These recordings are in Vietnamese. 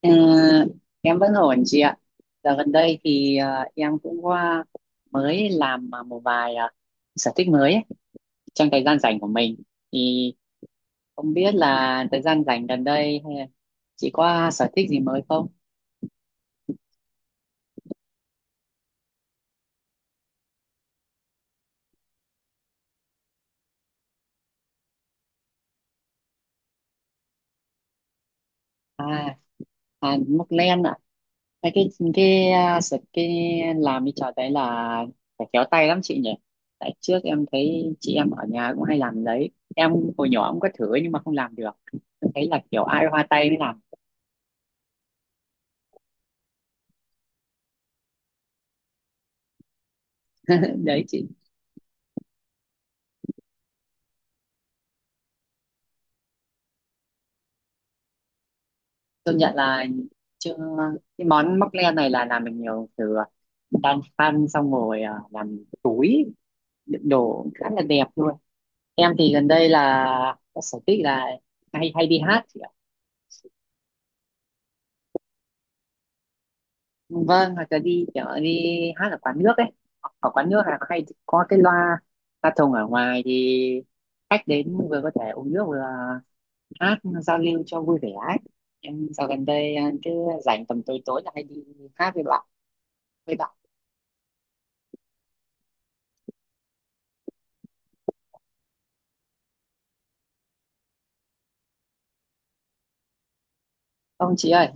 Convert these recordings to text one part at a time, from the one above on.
Ờ, em vẫn ổn chị ạ. Dạo gần đây thì em cũng qua mới làm một vài sở thích mới ấy, trong thời gian rảnh của mình. Thì không biết là thời gian rảnh gần đây hay là chị có sở thích gì mới không? À, à móc len ạ. Cái cái cái ờ, sở cái làm cái trò đấy là phải khéo tay lắm chị nhỉ. Tại trước em thấy chị em ở nhà cũng hay làm đấy. Em hồi nhỏ cũng có thử nhưng mà không làm được. Em thấy là kiểu ai hoa tay mới làm. Đấy chị. Công nhận là chưa, cái món móc len này là làm được nhiều, từ đan phân xong rồi à, làm túi đựng đồ khá là đẹp luôn. Em thì gần đây là có sở thích là hay hay đi hát chị ạ. Vâng, hoặc là đi kiểu đi hát ở quán nước ấy. Ở quán nước là hay có cái loa loa thùng ở ngoài thì khách đến vừa có thể uống nước vừa hát giao lưu cho vui vẻ ấy. Em dạo gần đây à, cứ rảnh tầm tối tối là hay đi hát với bạn. Ông chị ơi,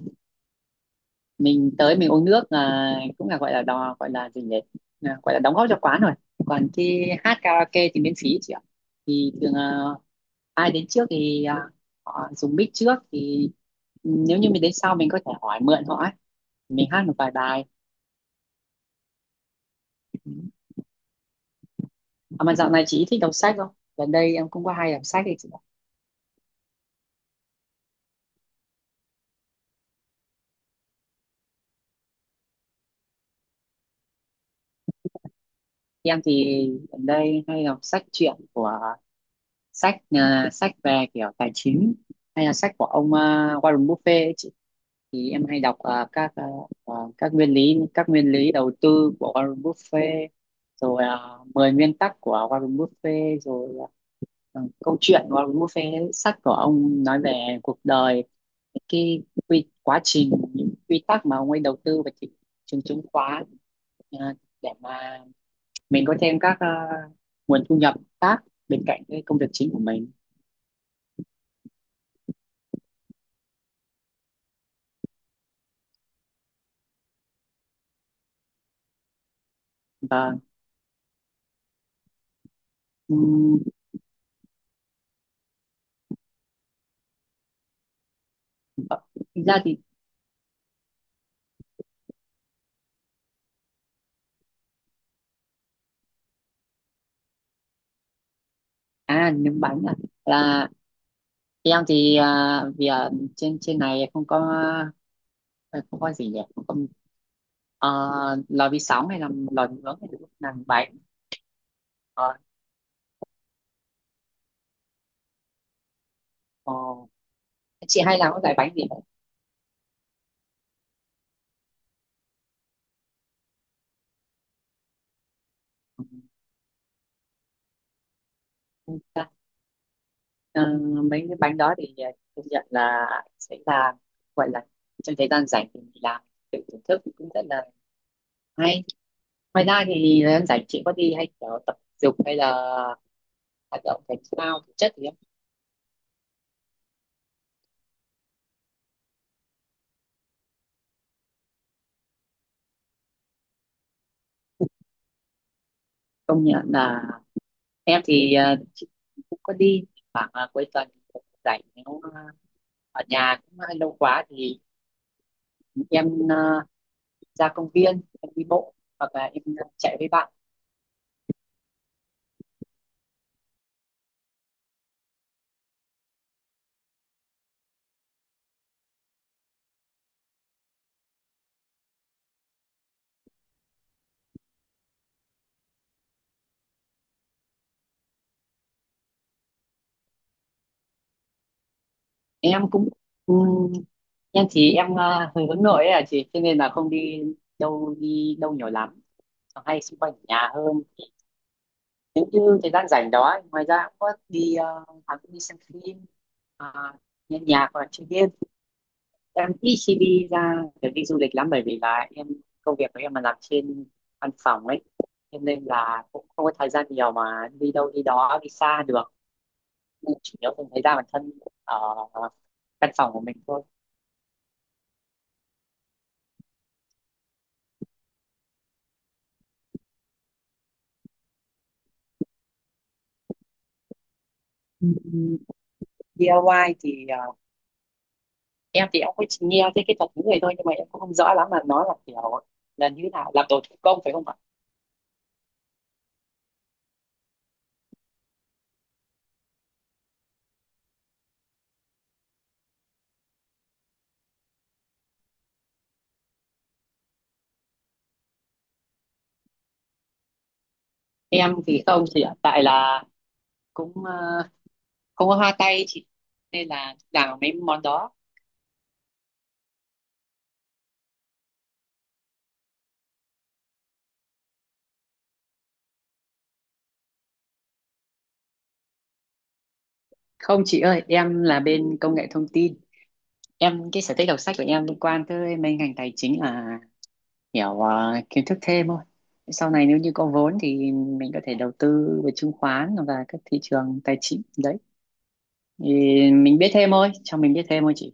mình tới mình uống nước à, cũng là gọi là đò, gọi là gì nhỉ. À, gọi là đóng góp cho quán rồi, còn khi hát karaoke thì miễn phí chị ạ. Thì thường à, ai đến trước thì à, họ dùng mic trước thì nếu như mình đến sau mình có thể hỏi mượn họ ấy. Mình hát một vài bài. À, mà dạo này chị thích đọc sách không, gần đây em cũng có hay đọc sách đấy chị ạ. Em thì gần đây hay đọc sách truyện của sách à, sách về kiểu tài chính hay là sách của ông à, Warren Buffett ấy chị. Thì em hay đọc à, các à, à, các nguyên lý đầu tư của Warren Buffett rồi, 10 nguyên tắc của Warren Buffett rồi, à, à, câu chuyện của Warren Buffett, sách của ông nói về cuộc đời, cái quy, quá trình những quy tắc mà ông ấy đầu tư vào thị trường chứng khoán, à, để mà mình có thêm các à, nguồn thu nhập khác bên cạnh cái công việc chính của mình. Và ừm, thực ra thì à, nướng bánh à, là em thì à, vì à, trên trên này không có à, không có gì nhỉ, không có ờ, lò vi sóng hay là lò nướng hay là làm bánh. Ờ, ờ, chị hay làm cái loại bánh gì vậy? Ừ, ờ, mấy cái bánh đó thì à, công nhận là sẽ là gọi là trong thời gian rảnh thì mình làm tự thưởng thức cũng rất là hay. Ngoài ra thì thời gian rảnh chị có đi hay kiểu tập dục hay là hoạt động thể thao thể chất thì em công nhận là em thì ờ, chị cũng có đi khoảng ờ, cuối tuần cũng rảnh, nếu ờ, ở nhà cũng hơi lâu quá thì em ờ, ra công viên em đi bộ hoặc là em ờ, chạy với bạn. Em cũng ừm, em thì em ờ, hơi hướng nội ấy à chị, cho nên là không đi đâu nhiều lắm, hay xung quanh ở nhà hơn. Nếu như thời gian rảnh đó ngoài ra cũng có đi ờ, à, cũng đi xem phim à, nghe nhạc hoặc là chơi game. Em ít khi đi ra để đi du lịch lắm, bởi vì là em công việc của em là làm trên văn phòng ấy, cho nên là cũng không có thời gian nhiều mà đi đâu đi đó đi xa được, nên chủ yếu cũng thấy ra bản thân ở căn phòng của mình thôi. Ừ, DIY thì ờ, em thì em cũng chỉ nghe thấy cái thuật ngữ này thôi nhưng mà em cũng không rõ lắm là nó là kiểu là như thế nào, làm đồ thủ công phải không ạ? Em thì không thì hiện tại là cũng ờ, không có hoa tay chị, nên là làm mấy món đó. Không chị ơi, em là bên công nghệ thông tin. Em, cái sở thích đọc sách của em liên quan tới mấy ngành tài chính là hiểu ờ, kiến thức thêm thôi. Sau này nếu như có vốn thì mình có thể đầu tư về chứng khoán và các thị trường tài chính đấy. Thì mình biết thêm thôi, cho mình biết thêm thôi chị.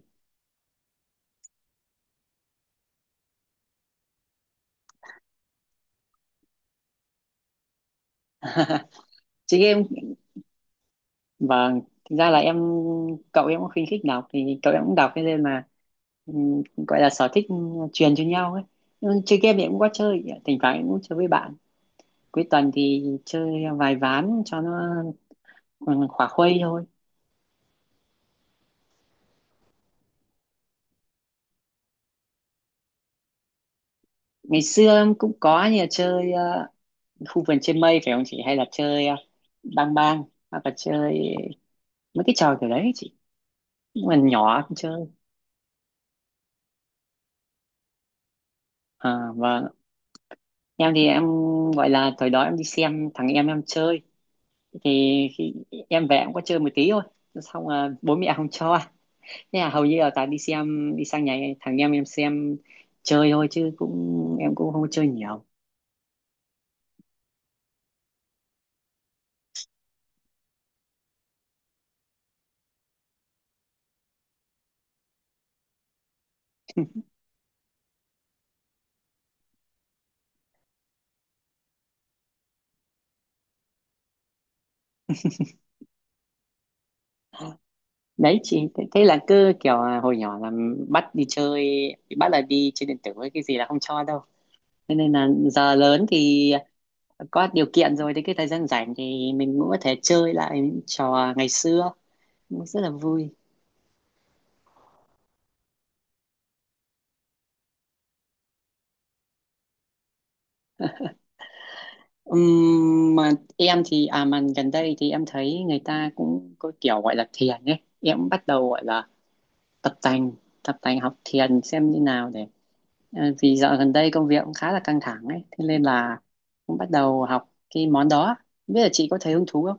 Chị em, vâng, thực ra là em cậu em cũng khuyến khích đọc thì cậu em cũng đọc, thế nên là ừm, gọi là sở thích truyền cho nhau ấy. Ừ, chơi game thì em cũng có chơi, thỉnh thoảng em cũng chơi với bạn. Cuối tuần thì chơi vài ván cho nó ừ, khỏa khuây thôi. Ngày xưa em cũng có như là chơi ờ, khu vườn trên mây phải không chị, hay là chơi ờ, bang bang hoặc là chơi mấy cái trò kiểu đấy chị. Nhưng mà nhỏ không chơi. À, vâng, em thì em gọi là thời đó em đi xem thằng em chơi, thì khi em về em có chơi một tí thôi, xong là bố mẹ không cho, thế là hầu như là toàn đi xem đi sang nhà thằng em xem chơi thôi, chứ cũng em cũng không có chơi nhiều. Đấy chị thế, thế là cứ kiểu là hồi nhỏ là bắt đi chơi, bắt là đi chơi điện tử với cái gì là không cho đâu, thế nên là giờ lớn thì có điều kiện rồi thì cái thời gian rảnh thì mình cũng có thể chơi lại những trò ngày xưa rất là vui. Mà em thì à mà gần đây thì em thấy người ta cũng có kiểu gọi là thiền ấy, em cũng bắt đầu gọi là tập tành tập tành học thiền xem như nào để ờ, vì dạo gần đây công việc cũng khá là căng thẳng ấy thế nên là cũng bắt đầu học cái món đó. Không biết là chị có thấy hứng thú không?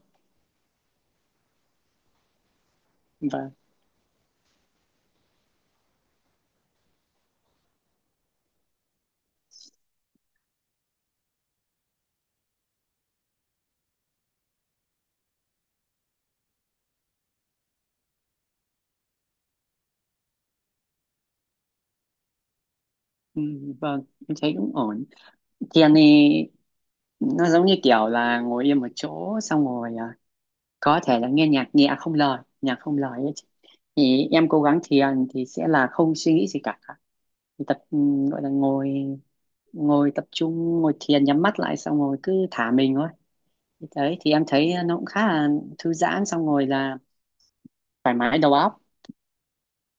Vâng. Ừ, vâng em thấy cũng ổn. Thiền thì nó giống như kiểu là ngồi yên một chỗ xong rồi à, có thể là nghe nhạc nhẹ không lời, nhạc không lời ấy chị. Thì em cố gắng thiền thì sẽ là không suy nghĩ gì cả. Thì tập ừ, gọi là ngồi, ngồi tập trung ngồi thiền nhắm mắt lại xong rồi cứ thả mình thôi. Thì đấy thì em thấy nó cũng khá là thư giãn, xong rồi là thoải mái đầu óc.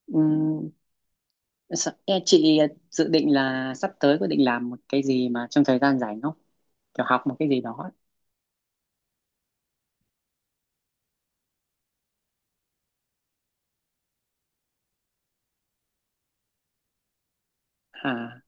Ừm, Em chị dự định là sắp tới có định làm một cái gì mà trong thời gian rảnh không, kiểu học một cái gì đó ấy. À,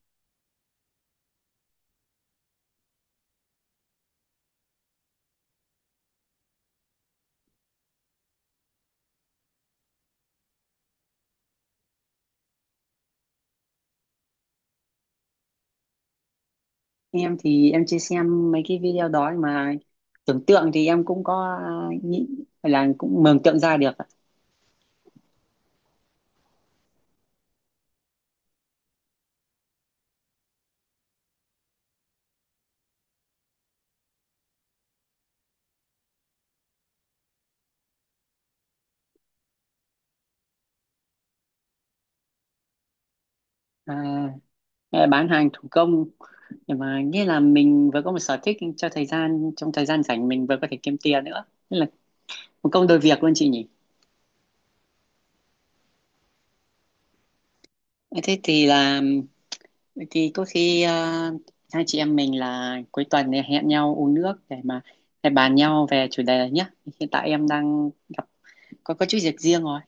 em thì em chưa xem mấy cái video đó ấy, mà tưởng tượng thì em cũng có ờ, nghĩ là cũng mường tượng ra được ạ. À, em bán hàng thủ công, nhưng mà nghĩa là mình vừa có một sở thích cho thời gian trong thời gian rảnh, mình vừa có thể kiếm tiền nữa. Nên là một công đôi việc luôn chị nhỉ. Thế thì là vậy thì có khi à, hai chị em mình là cuối tuần này hẹn nhau uống nước để mà để bàn nhau về chủ đề này nhé. Hiện tại em đang gặp có chút việc riêng rồi.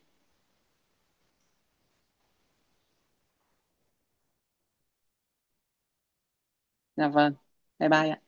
Dạ vâng. Bye bye ạ.